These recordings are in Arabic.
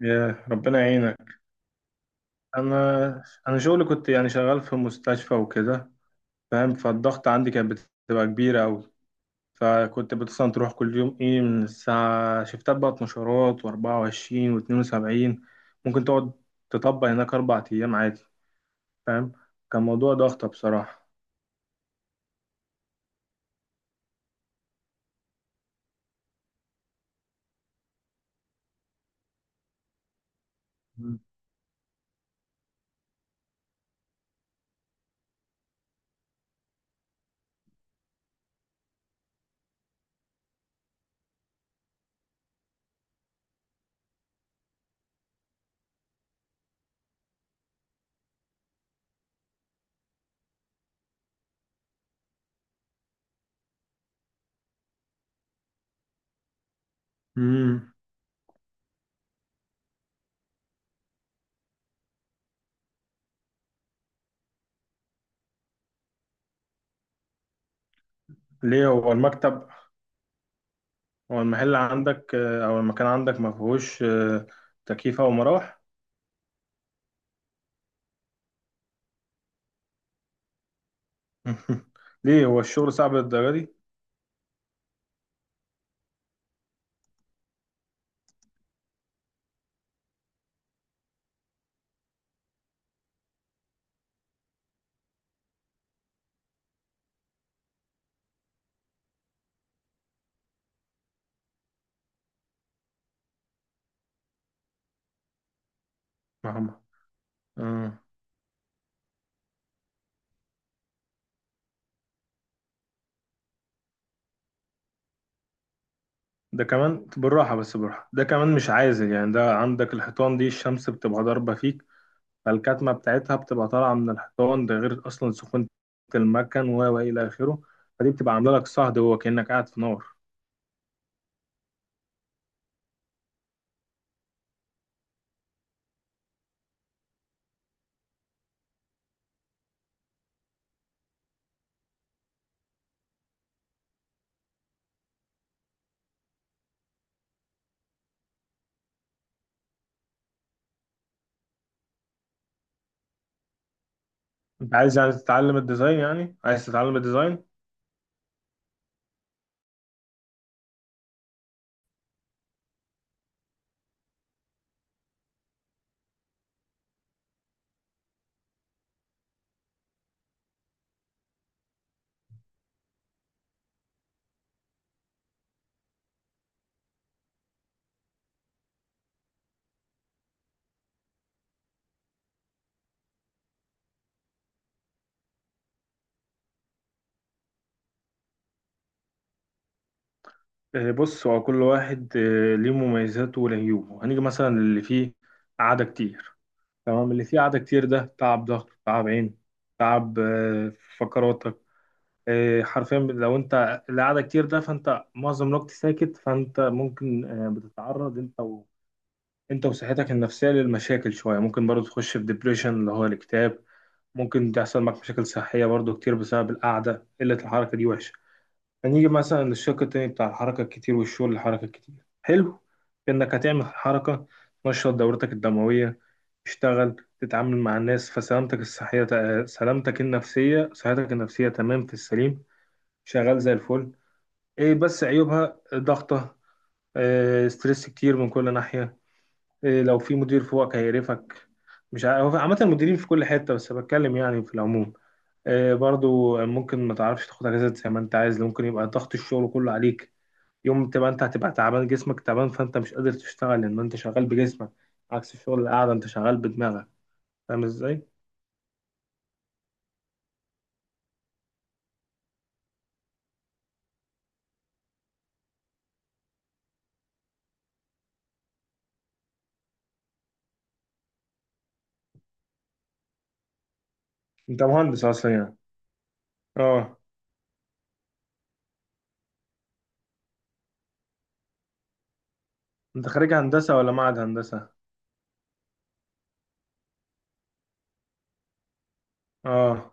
يا ربنا يعينك. انا شغلي كنت يعني شغال في مستشفى وكده، فاهم، فالضغط عندي كانت بتبقى كبيره قوي، فكنت مثلا تروح كل يوم ايه من الساعه شفتات بقى مشارات و24 و72، ممكن تقعد تطبق هناك 4 ايام عادي، فاهم، كان موضوع ضغطه بصراحه. امم ليه هو المكتب، هو المحل عندك او المكان عندك ما فيهوش تكييف او مراوح؟ ليه هو الشغل صعب للدرجه دي؟ مهما، ده كمان بالراحة، بس بالراحة ده كمان مش عازل، يعني ده عندك الحيطان دي الشمس بتبقى ضاربة فيك، فالكتمة بتاعتها بتبقى طالعة من الحيطان، ده غير أصلا سخونة المكن و إلى آخره، فدي بتبقى عاملة لك صهد هو كأنك قاعد في نار. أنت عايز يعني تتعلم الديزاين؟ يعني عايز تتعلم الديزاين؟ آه، بص، هو كل واحد ليه مميزاته وليه عيوبه، هنيجي مثلا اللي فيه قعدة كتير، تمام، اللي فيه قعدة كتير ده تعب ضهر، تعب عين، تعب فقرات، إيه، حرفيا لو انت القعده كتير ده فانت معظم الوقت ساكت، فانت ممكن بتتعرض انت وصحتك النفسيه للمشاكل شويه، ممكن برضو تخش في ديبريشن اللي هو الاكتئاب، ممكن تحصل معك مشاكل صحيه برضو كتير بسبب القعده، قله الحركه دي وحشه. هنيجي مثلا للشق التاني بتاع الحركه الكتير والشغل، الحركه الكتير حلو في انك هتعمل حركه، تنشط دورتك الدمويه، تشتغل، تتعامل مع الناس، فسلامتك الصحيه، سلامتك النفسيه، صحتك النفسيه تمام في السليم، شغال زي الفل. ايه بس عيوبها ضغطة، إيه ستريس كتير من كل ناحية، إيه لو في مدير فوقك هيقرفك، مش عارف، هو عامة المديرين في كل حتة، بس بتكلم يعني في العموم، إيه برضو ممكن ما تعرفش تاخد اجازات زي ما انت عايز، ممكن يبقى ضغط الشغل كله عليك، يوم تبقى انت هتبقى تعبان، جسمك تعبان فانت مش قادر تشتغل لان انت شغال بجسمك، عكس الشغل القعدة انت شغال بدماغك، فاهم ازاي؟ انت مهندس اصلا يعني؟ اه. انت خريج هندسة ولا معهد هندسة؟ اه.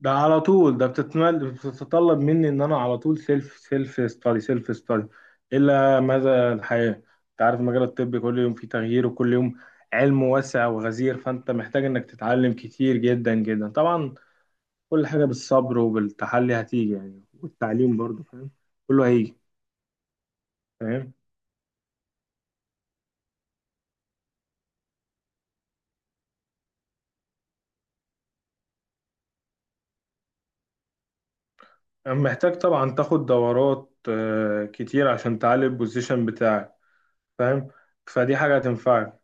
ده على طول، ده بتتطلب مني ان انا على طول سيلف ستادي، الا ماذا الحياه، انت عارف مجال الطب كل يوم فيه تغيير، وكل يوم علم واسع وغزير، فانت محتاج انك تتعلم كتير جدا جدا طبعا، كل حاجه بالصبر وبالتحلي هتيجي، يعني والتعليم برضه فاهم، كله هيجي. فاهم، محتاج طبعا تاخد دورات كتير عشان تعلي البوزيشن بتاعك، فاهم، فدي حاجه هتنفعك.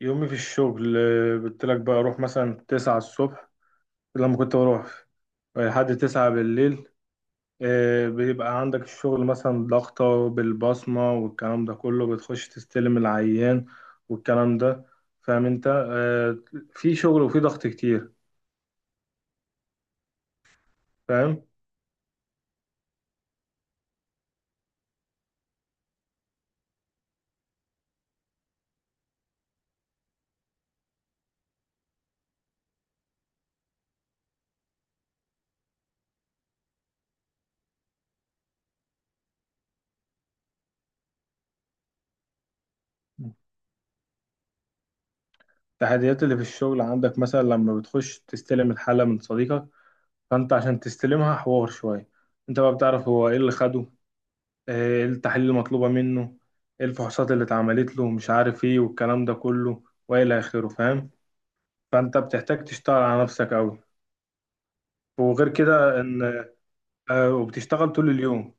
يومي في الشغل قلت لك بقى اروح مثلا 9 الصبح، لما كنت بروح لحد 9 بالليل، بيبقى عندك الشغل مثلا ضغطة بالبصمة والكلام ده كله، بتخش تستلم العيان والكلام ده، فاهم، انت في شغل وفي ضغط كتير. فاهم، التحديات اللي في الشغل عندك مثلا لما بتخش تستلم الحالة من صديقك، فانت عشان تستلمها حوار شوية، انت بقى بتعرف هو ايه اللي خده، إيه التحاليل المطلوبة منه، إيه الفحوصات اللي اتعملت له، مش عارف ايه والكلام ده كله وإلى آخره فاهم، فأنت بتحتاج تشتغل على نفسك أوي، وغير كده إن آه وبتشتغل طول اليوم.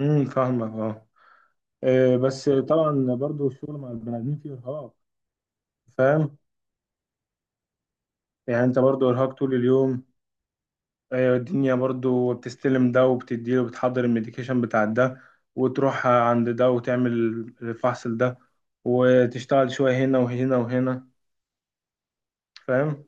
فاهمك اه، إيه بس طبعا برضو الشغل مع البني آدمين فيه إرهاق، فاهم، يعني أنت برضو إرهاق طول اليوم، آه الدنيا برضو بتستلم ده وبتديله، وبتحضر الميديكيشن بتاع ده، وتروح عند ده وتعمل الفحص ده، وتشتغل شوية هنا وهنا وهنا، فاهم.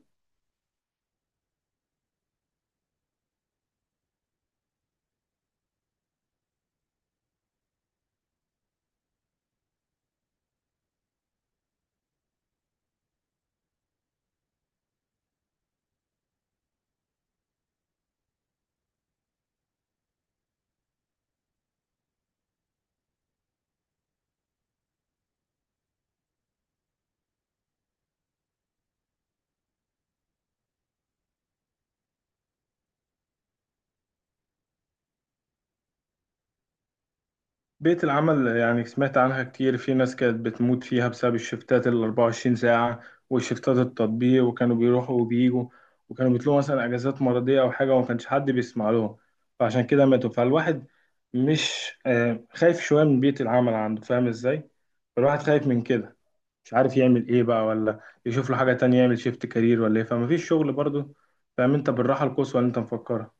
بيئة العمل يعني سمعت عنها كتير، في ناس كانت بتموت فيها بسبب الشفتات ال 24 ساعة والشفتات التطبيق، وكانوا بيروحوا وبيجوا، وكانوا بيطلبوا مثلا أجازات مرضية أو حاجة وما كانش حد بيسمع لهم، فعشان كده ماتوا، فالواحد مش خايف شوية من بيئة العمل عنده، فاهم إزاي؟ فالواحد خايف من كده، مش عارف يعمل إيه بقى، ولا يشوف له حاجة تانية يعمل شيفت كارير ولا إيه، فمفيش شغل برضه، فاهم، أنت بالراحة القصوى اللي أنت مفكرها.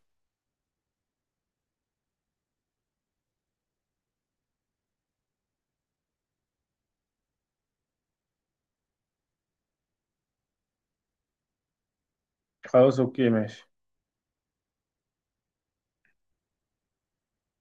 خلاص، أوكي ماشي.